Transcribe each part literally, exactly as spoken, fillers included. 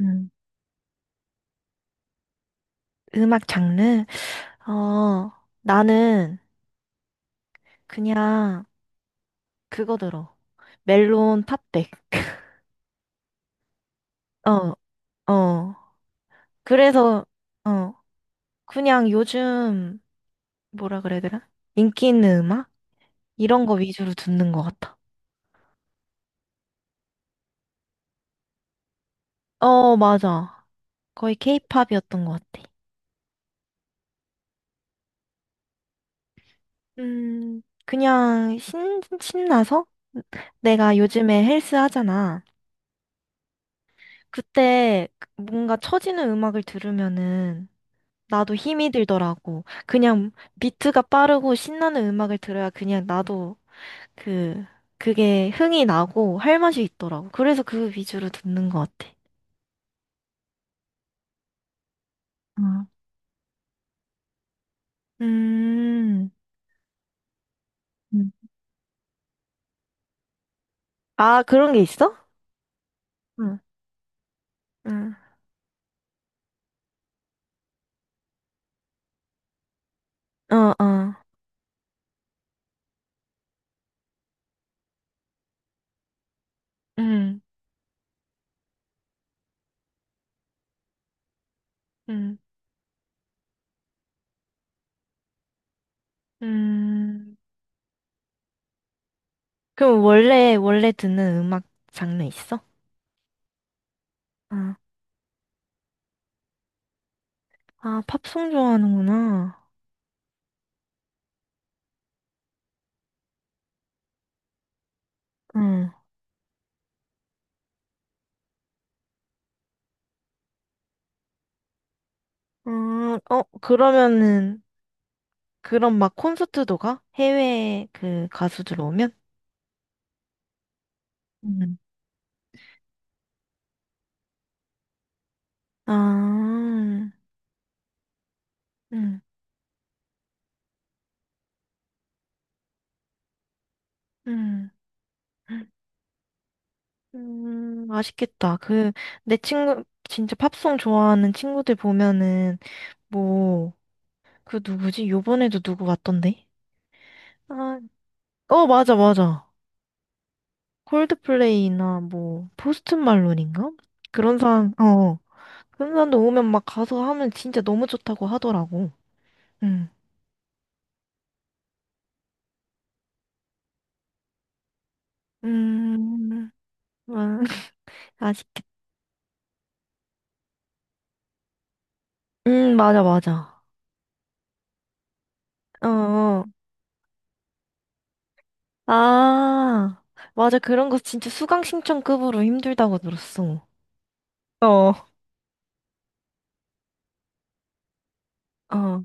음, 음악 장르? 어, 나는 그냥 그거 들어. 멜론 팝백. 어, 어. 그래서, 어, 그냥 요즘, 뭐라 그래야 되나? 인기 있는 음악? 이런 거 위주로 듣는 것 같아. 어, 맞아. 거의 케이팝이었던 것 같아. 음, 그냥 신, 신나서? 내가 요즘에 헬스 하잖아. 그때 뭔가 처지는 음악을 들으면은 나도 힘이 들더라고. 그냥 비트가 빠르고 신나는 음악을 들어야 그냥 나도 그, 그게 흥이 나고 할 맛이 있더라고. 그래서 그 위주로 듣는 것 같아. 아, 음. 음. 아, 그런 게 있어? 응, 응, 어, 어. 응, 응, 응. 그럼 원래, 원래 듣는 음악 장르 있어? 응. 아, 팝송 좋아하는구나. 응. 음, 어, 그러면은, 그럼 막 콘서트도 가? 해외 그 가수들 오면? 음. 아, 음, 음, 음, 아쉽겠다. 그, 내 친구, 진짜 팝송 좋아하는 친구들 보면은, 뭐, 그 누구지? 요번에도 누구 왔던데? 아, 어, 맞아, 맞아. 콜드플레이나 뭐, 포스트 말론인가? 그런 사람, 어, 그런 사람도 오면 막 가서 하면 진짜 너무 좋다고 하더라고. 응, 음, 음, 아, 아쉽겠다. 음, 맞아, 맞아. 어, 어. 아, 맞아. 그런 거 진짜 수강 신청급으로 힘들다고 들었어. 어. 어,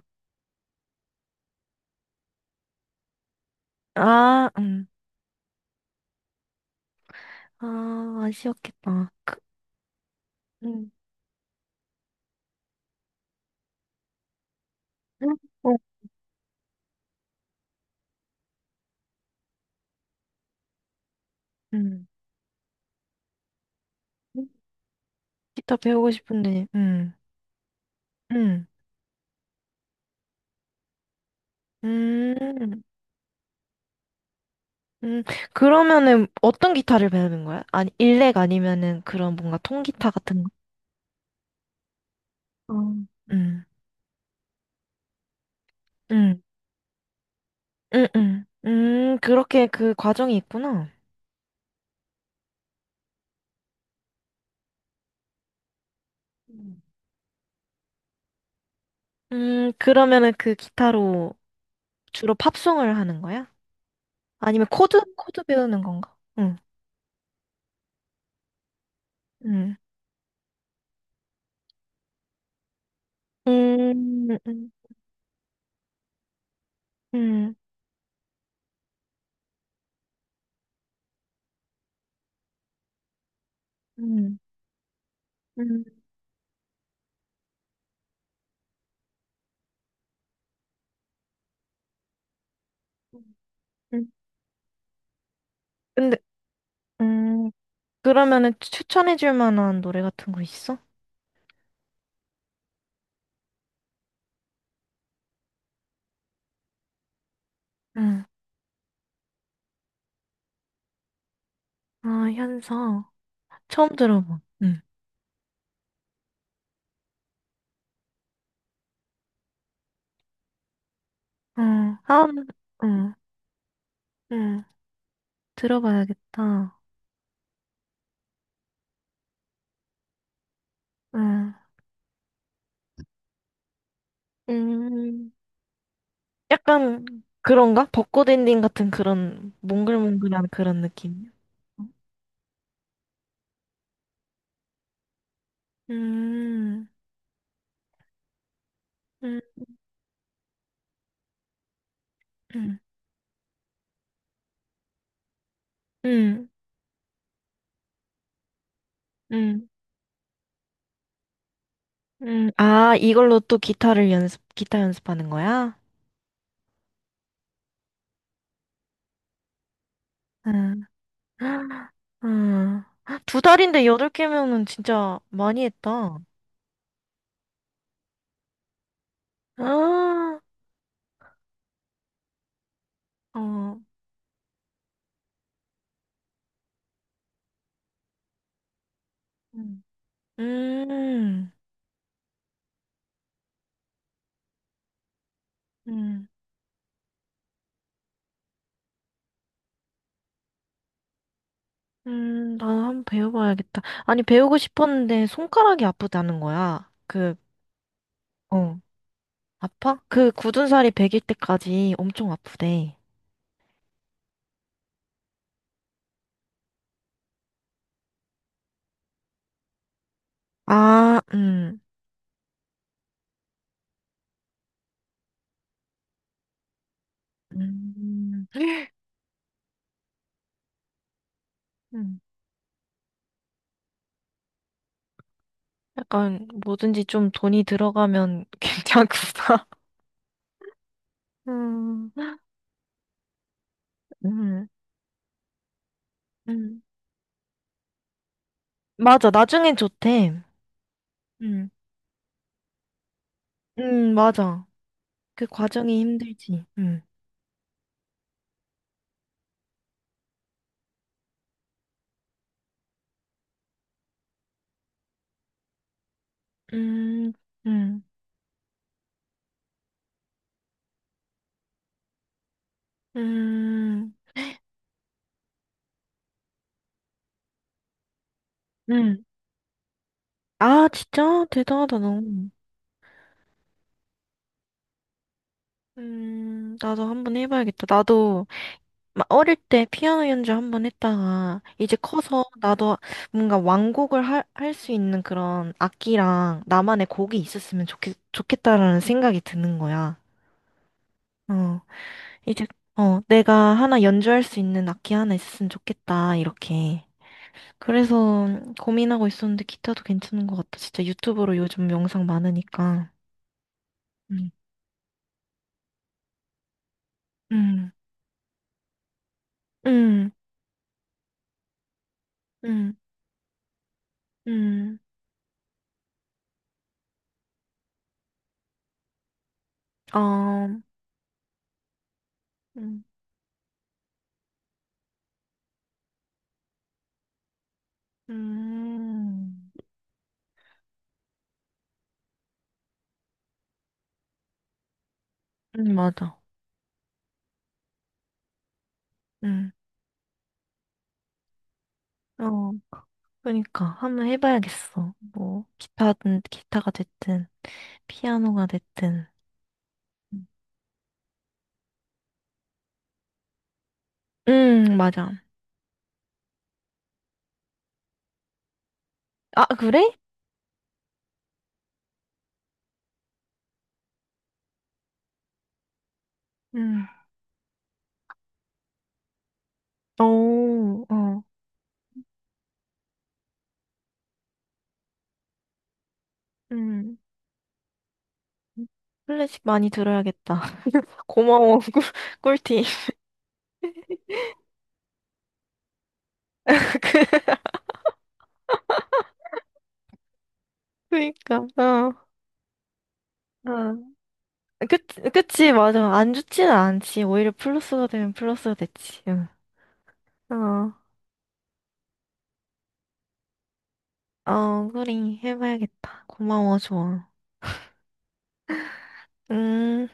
아, 음. 아, 아쉬웠겠다. 그, 음, 어. 음. 기타 배우고 싶은데, 음, 음, 음, 음. 그러면은 어떤 기타를 배우는 거야? 아니, 일렉 아니면은 그런 뭔가 통기타 같은 거? 어. 음, 음, 음, 음. 음, 그렇게 그 과정이 있구나. 음, 그러면은 그 기타로 주로 팝송을 하는 거야? 아니면 코드? 코드 배우는 건가? 응, 응. 음, 음, 음, 음, 음, 음. 근데, 음, 그러면은 추천해줄 만한 노래 같은 거 있어? 응. 아, 현서. 처음 들어봐. 응. 응, 다음, 응, 응. 들어봐야겠다. 응. 음, 약간 그런가? 벚꽃 엔딩 같은 그런 몽글몽글한 그런 느낌? 음, 음, 음, 음, 음, 음. 아, 이걸로 또 기타를 연습, 기타 연습하는 거야? 음, 음. 두 달인데 여덟 개면은 진짜 많이 했다. 아, 어, 음, 음, 음, 음, 나도 한번 배워봐야겠다. 아니, 배우고 싶었는데 손가락이 아프다는 거야. 그, 어, 아파? 그 굳은 살이 배길 때까지 엄청 아프대. 아, 음, 음. 음. 약간 뭐든지 좀 돈이 들어가면 괜찮구나. 음. 음. 음. 맞아, 나중엔 좋대. 음. 음, 맞아. 그 과정이 힘들지. 음. 음. 음. 음, 음. 아, 진짜? 대단하다, 너. 음, 나도 한번 해봐야겠다. 나도 막 어릴 때 피아노 연주 한번 했다가 이제 커서 나도 뭔가 완곡을 할, 할 수 있는 그런 악기랑 나만의 곡이 있었으면 좋겠, 좋겠다라는 생각이 드는 거야. 어, 이제, 어, 내가 하나 연주할 수 있는 악기 하나 있었으면 좋겠다, 이렇게. 그래서 고민하고 있었는데 기타도 괜찮은 것 같아. 진짜 유튜브로 요즘 영상 많으니까. 음, 음, 음, 음, 음, 어, 음, 음, 음, 맞아. 음. 어, 그러니까 한번 해봐야겠어. 뭐 기타든 기타가 됐든 피아노가 됐든. 음, 음, 맞아. 아, 그래? 음. 오, 어, 음. 클래식 많이 들어야겠다. 고마워, 꿀, 꿀팁. 그니까, 어, 어. 그, 그치, 맞아. 안 좋지는 않지. 오히려 플러스가 되면 플러스가 됐지. 응. 어, 어, 그래. 해봐야겠다. 고마워, 좋아. 음.